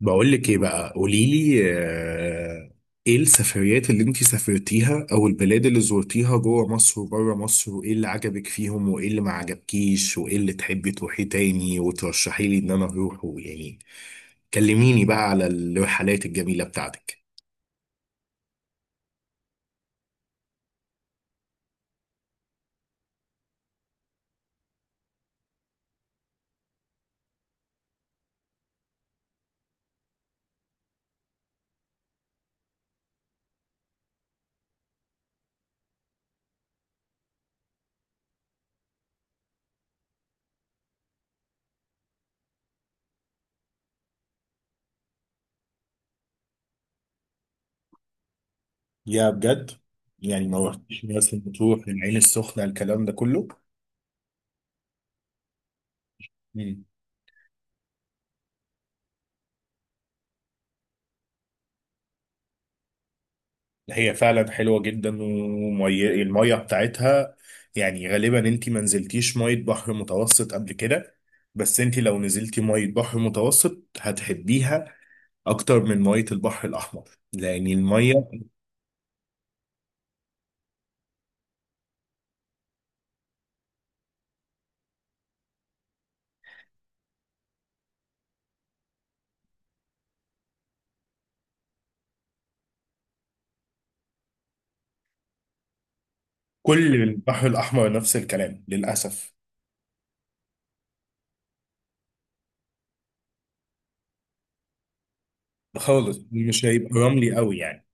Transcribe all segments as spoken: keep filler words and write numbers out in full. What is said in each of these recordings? بقول لك ايه بقى قولي لي آه، ايه السفريات اللي انت سافرتيها او البلاد اللي زرتيها جوه مصر وبره مصر، وايه اللي عجبك فيهم وايه اللي ما عجبكيش وايه اللي تحبي تروحي تاني وترشحي لي ان انا اروحه يعني. كلميني بقى على الرحلات الجميلة بتاعتك. يا بجد. يعني ما رحتش مرسى مطروح، العين السخنة، الكلام ده كله. هي فعلا حلوه جدا والميه بتاعتها. يعني غالبا انت ما نزلتيش ميه بحر متوسط قبل كده، بس انت لو نزلتي ميه بحر متوسط هتحبيها اكتر من ميه البحر الاحمر، لان الميه، كل البحر الاحمر نفس الكلام للاسف. خالص مش هيبقى رملي قوي يعني.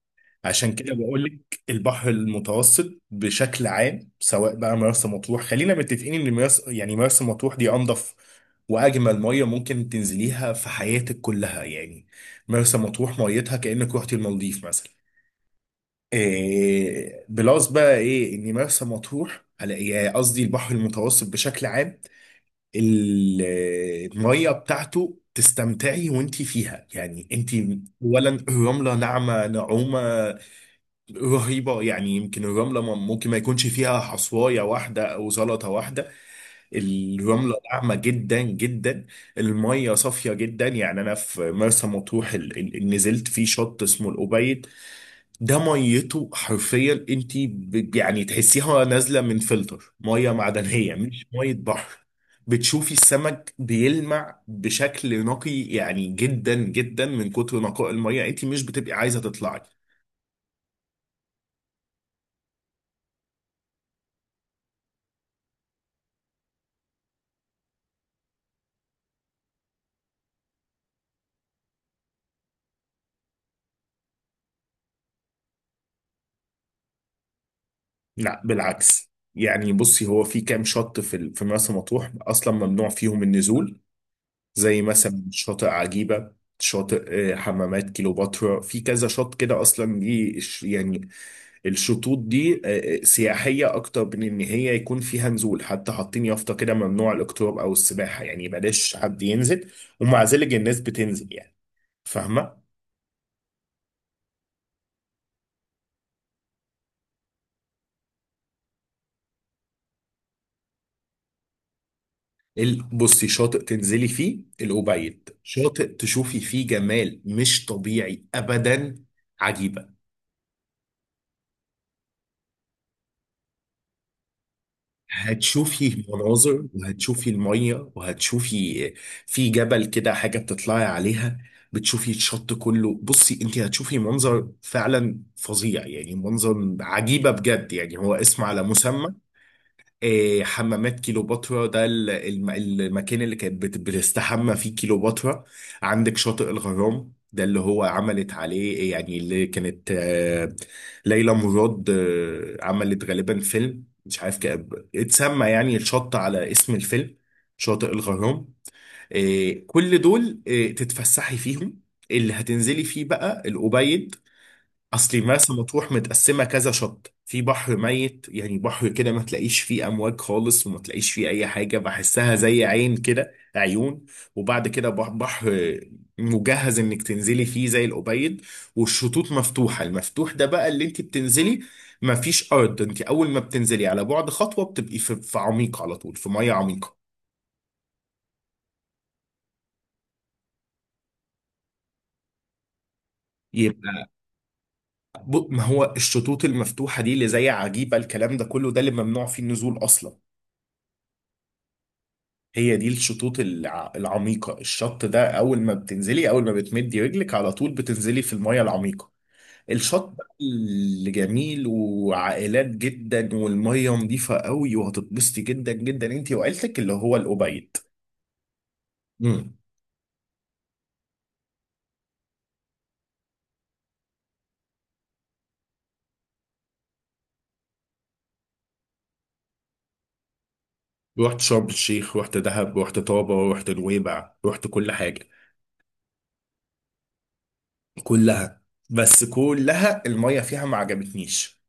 عشان كده بقول لك البحر المتوسط بشكل عام، سواء بقى مرسى مطروح، خلينا متفقين ان مرسى، يعني مرسى مطروح دي انضف واجمل ميه ممكن تنزليها في حياتك كلها يعني. مرسى مطروح ميتها كانك رحتي المالديف مثلا. إيه بلس بقى ايه ان مرسى مطروح على إيه؟ يعني قصدي البحر المتوسط بشكل عام. ال- الميه بتاعته تستمتعي وانتي فيها، يعني انتي اولا الرمله ناعمه نعومه رهيبة يعني، يمكن الرملة ما- ممكن ما يكونش فيها حصواية واحدة أو زلطة واحدة. الرملة ناعمة جدا جدا. المية صافية جدا. يعني أنا في مرسى مطروح ال- ال- نزلت في شط اسمه الأبيض. ده ميته حرفيا أنت ب- يعني تحسيها نازلة من فلتر مية معدنية مش مية بحر. بتشوفي السمك بيلمع بشكل نقي، يعني جدا جدا من كتر نقاء المية انت مش بتبقي عايزة تطلعي. لا بالعكس، يعني بصي، هو في كام شط في ال- في مرسى مطروح اصلا ممنوع فيهم النزول، زي مثلا شاطئ عجيبة، شاطئ آه، حمامات كيلوباترا، في كذا شط كده اصلا، دي الش- يعني الشطوط دي آه، آه، سياحية اكتر من ان هي يكون فيها نزول، حتى حاطين يافطة كده ممنوع الاقتراب او السباحة، يعني بلاش حد ينزل، ومع ذلك الناس بتنزل يعني. فاهمة؟ ال- بصي، شاطئ تنزلي فيه الأوبيد، شاطئ تشوفي فيه جمال مش طبيعي أبدا. عجيبة، هتشوفي مناظر وهتشوفي المية وهتشوفي في جبل كده حاجة بتطلعي عليها، بتشوفي الشط كله. بصي انت هتشوفي منظر فعلا فظيع، يعني منظر عجيبة بجد، يعني هو اسم على مسمى. آه، حمامات كيلوباترا ده ال- الم- المكان اللي كانت بت- بتستحمى فيه كيلوباترا. عندك شاطئ الغرام، ده اللي هو عملت عليه يعني، اللي كانت آه، ليلى مراد آه، عملت غالبا فيلم مش عارف كان- اتسمى يعني الشط على اسم الفيلم، شاطئ الغرام. آه، كل دول آه، تتفسحي فيهم. اللي هتنزلي فيه بقى الأوبيد. اصلي مرسى مطروح متقسمه كذا شط، في بحر ميت يعني بحر كده ما تلاقيش فيه امواج خالص وما تلاقيش فيه اي حاجه، بحسها زي عين كده، عيون، وبعد كده بح- بحر مجهز انك تنزلي فيه زي الأبيض، والشطوط مفتوحه. المفتوح ده بقى اللي انت بتنزلي، ما فيش ارض، انت اول ما بتنزلي على بعد خطوه بتبقي في في عميق على طول، في ميه عميقه. يبقى ب- ما هو الشطوط المفتوحه دي اللي زي عجيبه الكلام ده كله، ده اللي ممنوع فيه النزول اصلا. هي دي الشطوط الع- العميقة، الشط ده أول ما بتنزلي، أول ما بتمدي رجلك على طول بتنزلي في المية العميقة. الشط بقى اللي جميل وعائلات جدا والمية نظيفة قوي وهتتبسطي جدا جدا انت وعيلتك، اللي هو الأبيض. امم. رحت شرم الشيخ، رحت دهب، رحت طابة، رحت نويبع، رحت كل حاجة. كلها. بس كلها المية فيها ما عجبتنيش.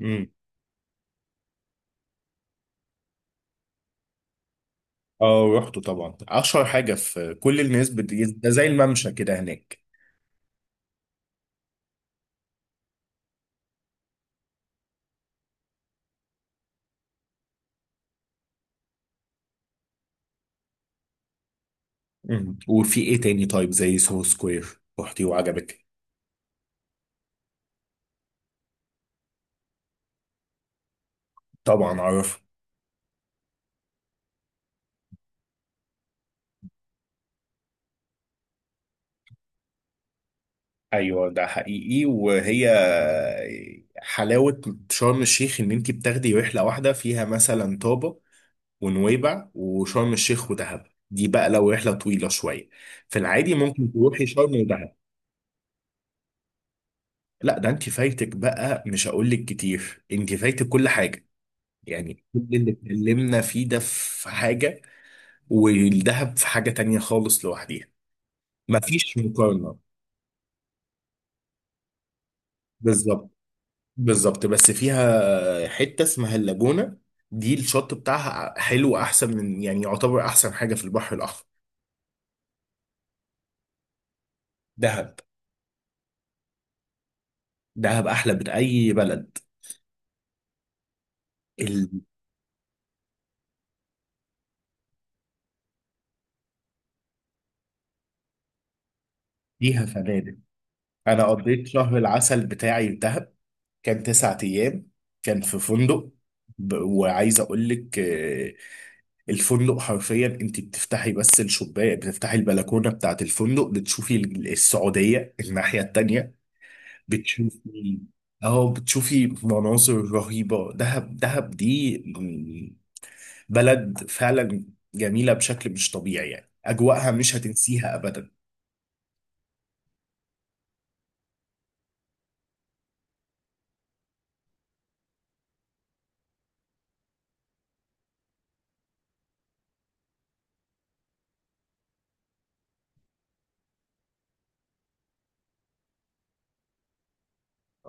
امم. اه رحت طبعا، اشهر حاجة، في كل الناس بت- ده زي الممشى كده هناك. مم. وفي ايه تاني؟ طيب زي سو سكوير رحتي وعجبك؟ طبعا اعرف. ايوه ده حقيقي. وهي حلاوه شرم الشيخ ان انت بتاخدي رحله واحده فيها مثلا طابه ونويبع وشرم الشيخ ودهب، دي بقى لو رحله طويله شويه. في العادي ممكن تروحي شرم ودهب. لا ده انت فايتك بقى، مش هقول لك كتير، انت فايتك كل حاجه، يعني كل اللي اتكلمنا فيه ده في حاجه، والدهب في حاجه تانية خالص لوحديها. مفيش مقارنه. بالظبط. بالظبط، بس فيها حتة اسمها اللاجونة، دي الشط بتاعها حلو، أحسن من، يعني يعتبر أحسن حاجة في البحر الأحمر. دهب. دهب أحلى من أي بلد. ال- فيها فنادق. أنا قضيت شهر العسل بتاعي في دهب، كان تسعة أيام، كان في فندق. ب- وعايز أقول لك آه، الفندق حرفيا أنت بتفتحي بس الشباك، بتفتحي البلكونة بتاعت الفندق بتشوفي ال- السعودية الناحية التانية. بتشوفي، اه بتشوفي مناظر رهيبة. دهب، دهب دي م- بلد فعلا جميلة بشكل مش طبيعي، يعني أجواءها مش هتنسيها أبدا.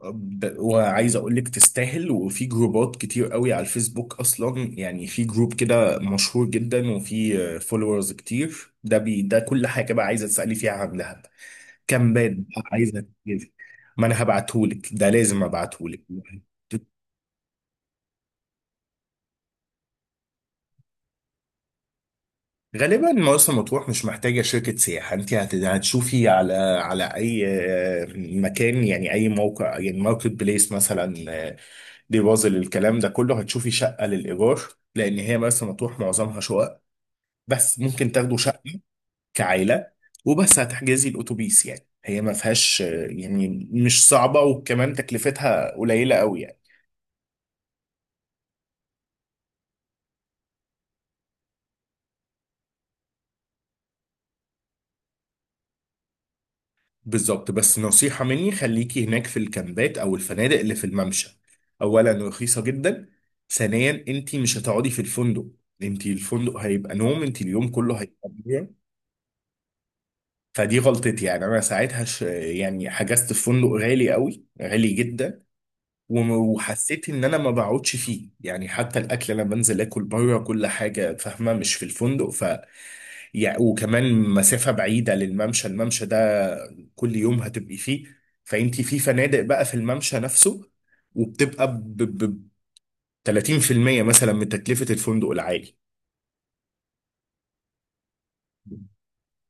ب- وعايز أقولك تستاهل، وفي جروبات كتير قوي على الفيسبوك أصلا. يعني في جروب كده مشهور جدا وفي فولورز كتير، ده بي ده كل حاجة بقى عايزة تسألي فيها عن دهب، كامبات بقى عايزة تجيبي. ما أنا هبعتهولك، ده لازم أبعتهولك. غالبا مرسى مطروح مش محتاجة شركة سياحة، انت هت- هتشوفي على على اي آه، مكان، يعني اي موقع، يعني ماركت بليس مثلا، آه، ديبوزل، الكلام ده كله هتشوفي شقة للإيجار، لأن هي مرسى مطروح معظمها شقق، بس ممكن تاخدوا شقة كعائلة. وبس هتحجزي الأتوبيس. يعني هي ما فيهاش آه، يعني مش صعبة، وكمان تكلفتها قليلة قوي يعني. بالظبط، بس نصيحة مني، خليكي هناك في الكامبات أو الفنادق اللي في الممشى. أولا رخيصة جدا، ثانيا أنت مش هتقعدي في الفندق، أنت الفندق هيبقى نوم، أنت اليوم كله هيبقى نوم. فدي غلطتي، يعني أنا ساعتها ش... يعني حجزت في فندق غالي قوي، غالي جدا، وم- وحسيت إن أنا ما بقعدش فيه، يعني حتى الأكل أنا بنزل آكل بره كل حاجة، فاهمة، مش في الفندق. يعني وكمان مسافة بعيدة للممشى، الممشى ده كل يوم هتبقي فيه. فانت في فنادق بقى في الممشى نفسه، وبتبقى ب ب- ب- ثلاثين في المية مثلا من تكلفة الفندق العالي.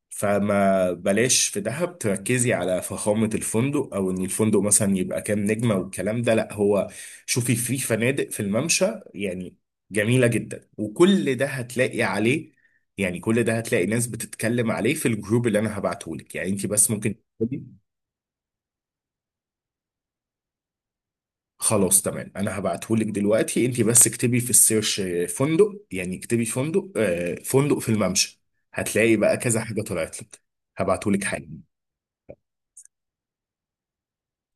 فما بلاش في دهب تركزي على فخامة الفندق او ان الفندق مثلا يبقى كام نجمة والكلام ده، لا. هو شوفي في فنادق في الممشى، يعني جميلة جدا وكل ده هتلاقي عليه، يعني كل ده هتلاقي ناس بتتكلم عليه في الجروب اللي انا هبعتهولك. يعني انت بس ممكن تكتبي. خلاص تمام، انا هبعتهولك دلوقتي، انت بس اكتبي في السيرش آه، فندق، يعني اكتبي فندق آه، فندق في الممشى، هتلاقي بقى كذا حاجة طلعت لك. هبعتهولك حالا.